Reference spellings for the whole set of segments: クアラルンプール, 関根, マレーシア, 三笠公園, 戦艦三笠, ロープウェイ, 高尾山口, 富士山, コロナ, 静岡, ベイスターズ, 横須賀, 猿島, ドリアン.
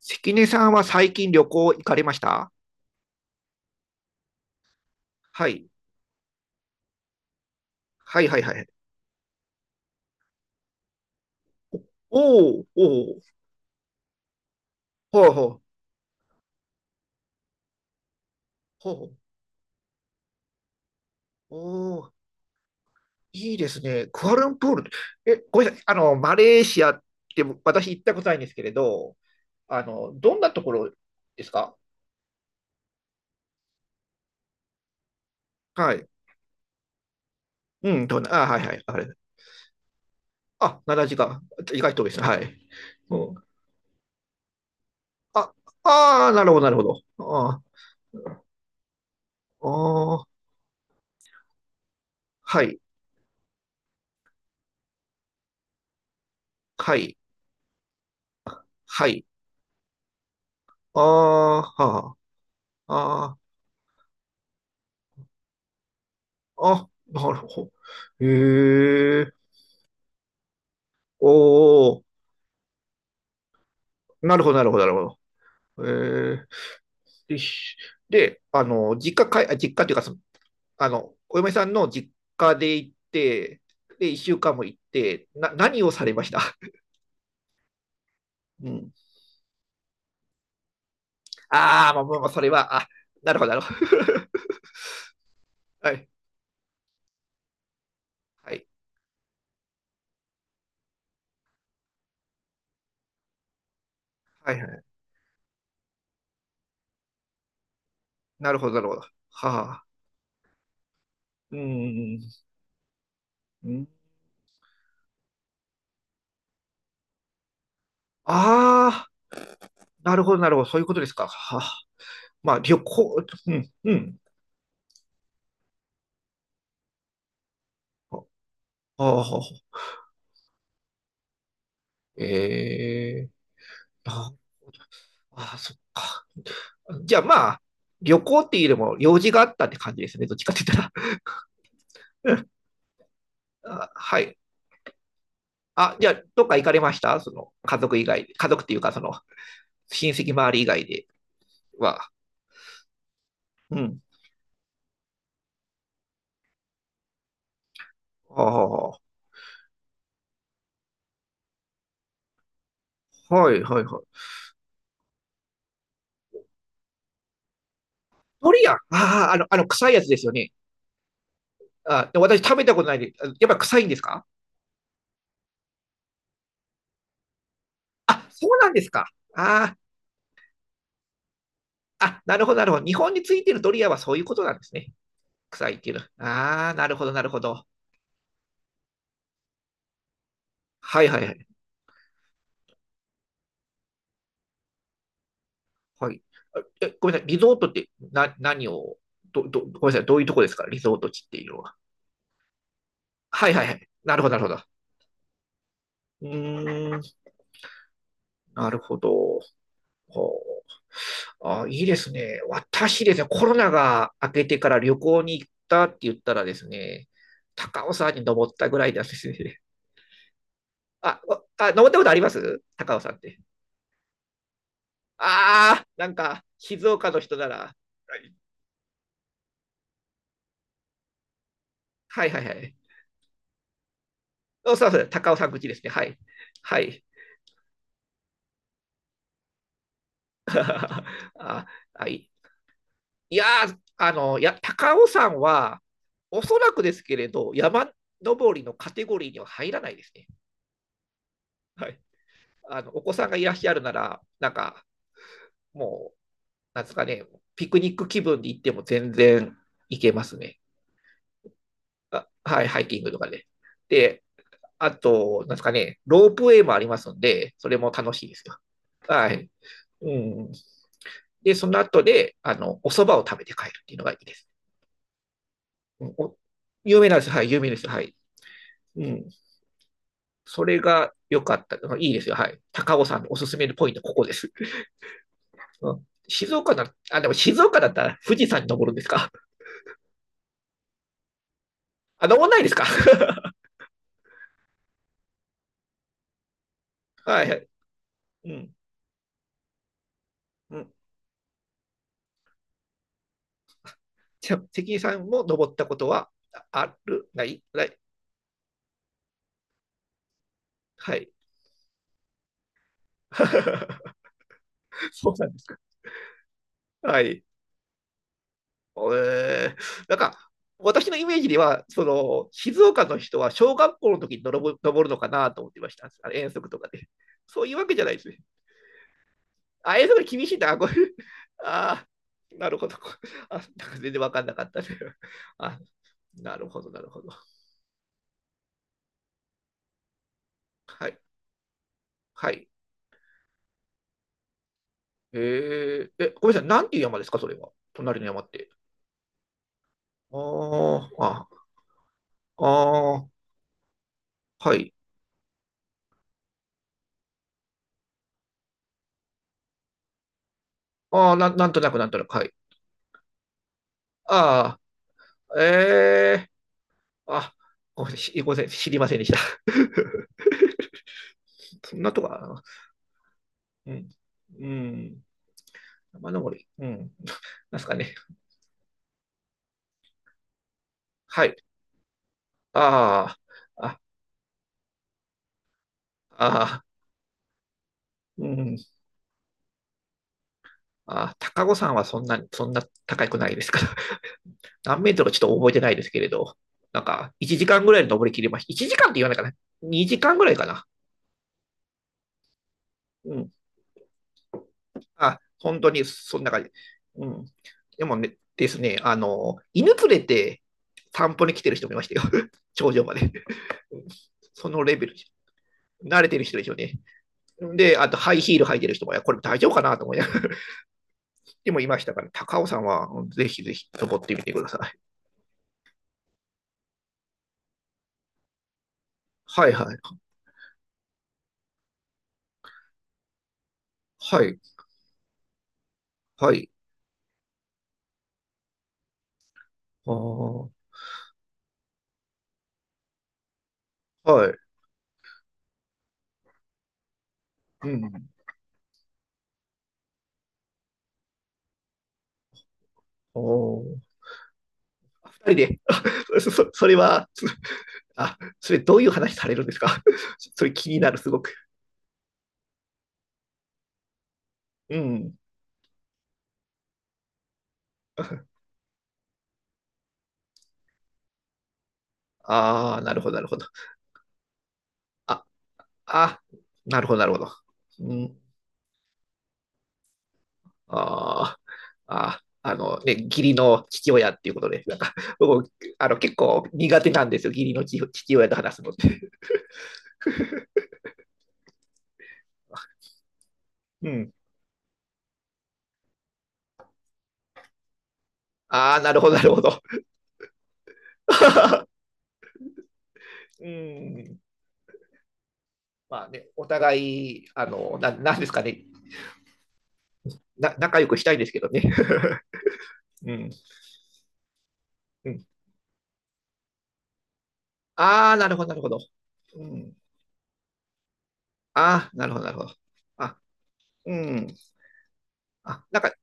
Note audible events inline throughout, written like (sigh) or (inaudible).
関根さんは最近旅行行かれました？はい。はいはいはい。おーおー、ほうほう、ほうほう、おー、いいですね。クアラルンプール。え、ごめんなさい。マレーシアって私行ったことないんですけれど、どんなところですか？はい。うん、どんな、あ、はいはい。あれ。あ、7時間。意外と多いですね。はい。うん、あ、ああ、なるほど、なるほど。ああ、あー、はい、はい、はい。あー、はあ、ああ。あ、なるほど。へえ、おー、なるほど、なるほど、なるほど。へえ、で、しで実家というかその、お嫁さんの実家で行って、で、一週間も行って、何をされました？ (laughs) うん。あー、まあ、まあ、まあ、それは、あ、なるほど、なるほど。(laughs) はい、はい、はい、はい。なるほど、なるほど。はあ、うん、うん。ああー、なるほど、なるほど。そういうことですか。はあ、まあ、旅行、うん、うん。ああ、ええ、ああ、そっか。じゃあまあ、旅行っていうよりも用事があったって感じですね。どっちかって言ったら。(laughs) うん、あ、はい。あ、じゃあ、どっか行かれました？その、家族以外、家族っていうか、その、親戚周り以外では。うん。ああ、はいはいはい。ドリアン。ああ、あの、臭いやつですよね。あ、で、私食べたことないで、あ、やっぱ臭いんですか？あ、そうなんですか。あ、ああ、なるほど、なるほど。日本についてるドリアンはそういうことなんですね。臭いっていうの。ああ、なるほど、なるほど。はいはいはい。はい。あ、え、ごめんなさい。リゾートって何を、ごめんなさい。どういうとこですかリゾート地っていうのは？はいはいはい。なるほど、なるほど。うーん、なるほど。ほう。あ、いいですね。私ですね、コロナが明けてから旅行に行ったって言ったらですね、高尾山に登ったぐらいなんですね。あ、お、あ、登ったことあります高尾山って？ああ、なんか、静岡の人なら。はいはいはい。お、そうそう、高尾山口ですね。はい。はい。ああ、いいやー、高尾山は、おそらくですけれど、山登りのカテゴリーには入らないですね。はい。お子さんがいらっしゃるなら、なんか、もう、なんですかね、ピクニック気分で行っても全然行けますね。あ、はい、ハイキングとかで。で、あと、なんですかね、ロープウェイもありますんで、それも楽しいですよ。はい。うん。で、その後で、お蕎麦を食べて帰るっていうのがいいです。お有名なんですよ。はい、有名ですよ。はい。うん。それが良かった。いいですよ。はい。高尾さんのおすすめのポイント、ここです。うん、静岡なあ、でも静岡だったら富士山に登るんですか？あ、登んないですか？ (laughs) はいはい。うん。うん。じゃ、関根さんも登ったことはあ、ある？ない？ない？はい。(laughs) そうなんですか。はい。なんか、私のイメージでは、その、静岡の人は小学校の時に登るのかなと思ってました。あの遠足とかで。そういうわけじゃないですね。あ、遠足厳しいな。あ、これ、あー、なるほど。あ、なんか全然わかんなかったね。あ、なるほど、なるほど。はい。はい。ごめんなさい。なんていう山ですか、それは。隣の山って。あー、あ、あー、はい。あー、なんとなく、なんとなく、はい。あー、え、あ、ごめんなさい、ごめん、知りませんでした。(laughs) そんなとこかな。うん。うん。山登り。うん。なんすかね。はい。ああ、あ、ああ、うん。あ、高尾山はそんな、そんな高くないですから。(laughs) 何メートルかちょっと覚えてないですけれど、なんか、1時間ぐらいで登りきりました。1時間って言わないかな。2時間ぐらいかな。うん。あ、本当に、そんな感じ。うん。でもね、ですね、犬連れて散歩に来てる人もいましたよ。(laughs) 頂上まで。そのレベル、慣れてる人でしょうね。で、あとハイヒール履いてる人も、いや、これ大丈夫かなと思いながら、(laughs) でもいましたから、高尾さんはぜひぜひ登ってみてください。はいはい。はい。はい。ああ。はい。うん。おお。二人で、(laughs) それは、(laughs) あ、それどういう話されるんですか？ (laughs) それ気になる、すごく。うん。(laughs) ああ、なるほど、なるほど。あ、あ、なるほど、なるほど。うん、あー、あー、あ、あのね、義理の父親っていうことで、なんか、僕、結構苦手なんですよ、義理の父親と話すのって。うん。ああ、なるほど、なるほど。(laughs) うん。まあね、お互い、なんですかね、仲良くしたいんですけどね。(laughs) うん。うん、ああ、なるほど、なるほど。うん。ああ、なるほど、なるほど。あ、うん。あ、なんか、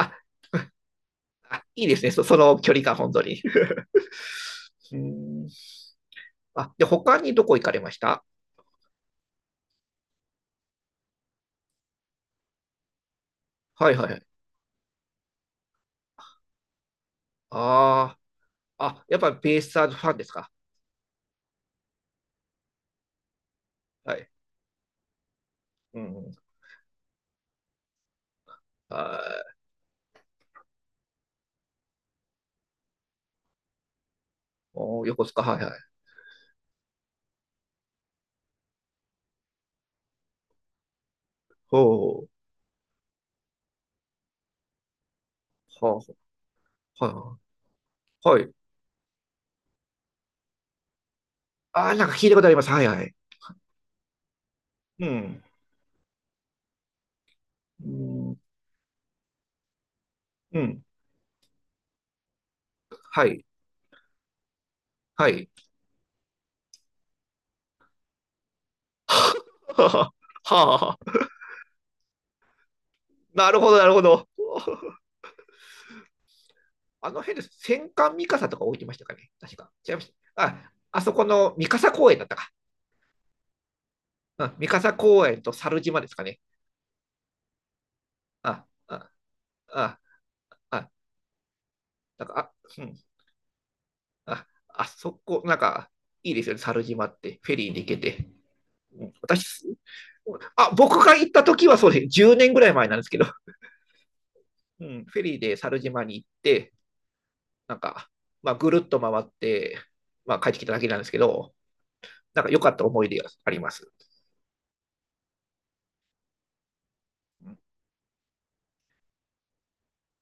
あ、いいですね、その距離感、本当に。(laughs) うん。あ、で、他にどこ行かれました？はいはいはい。ああ、あ、やっぱりベイスターズファンですか？はい。うん。うん、あー、おー、横須賀、はいはい。ほう、はあ、はあ、はい。ああ、なんか聞いたことあります。はいはい。うん。うん。うん。はい。はい。(laughs) はあ、はあ。なるほど、なるほど。あの辺です。戦艦三笠とか置いてましたかね。確か。違いました。あ、あそこの三笠公園だったか。うん、三笠公園と猿島ですかね。あ、あ、あ、あ、なんか、あ、うん。あ、あそこ、なんか、いいですよね、猿島って、フェリーで行けて。うん、私、あ、僕が行った時はそうです。10年ぐらい前なんですけど、うん、フェリーで猿島に行って、なんか、まあ、ぐるっと回って、まあ、帰ってきただけなんですけど、なんか良かった思い出があります。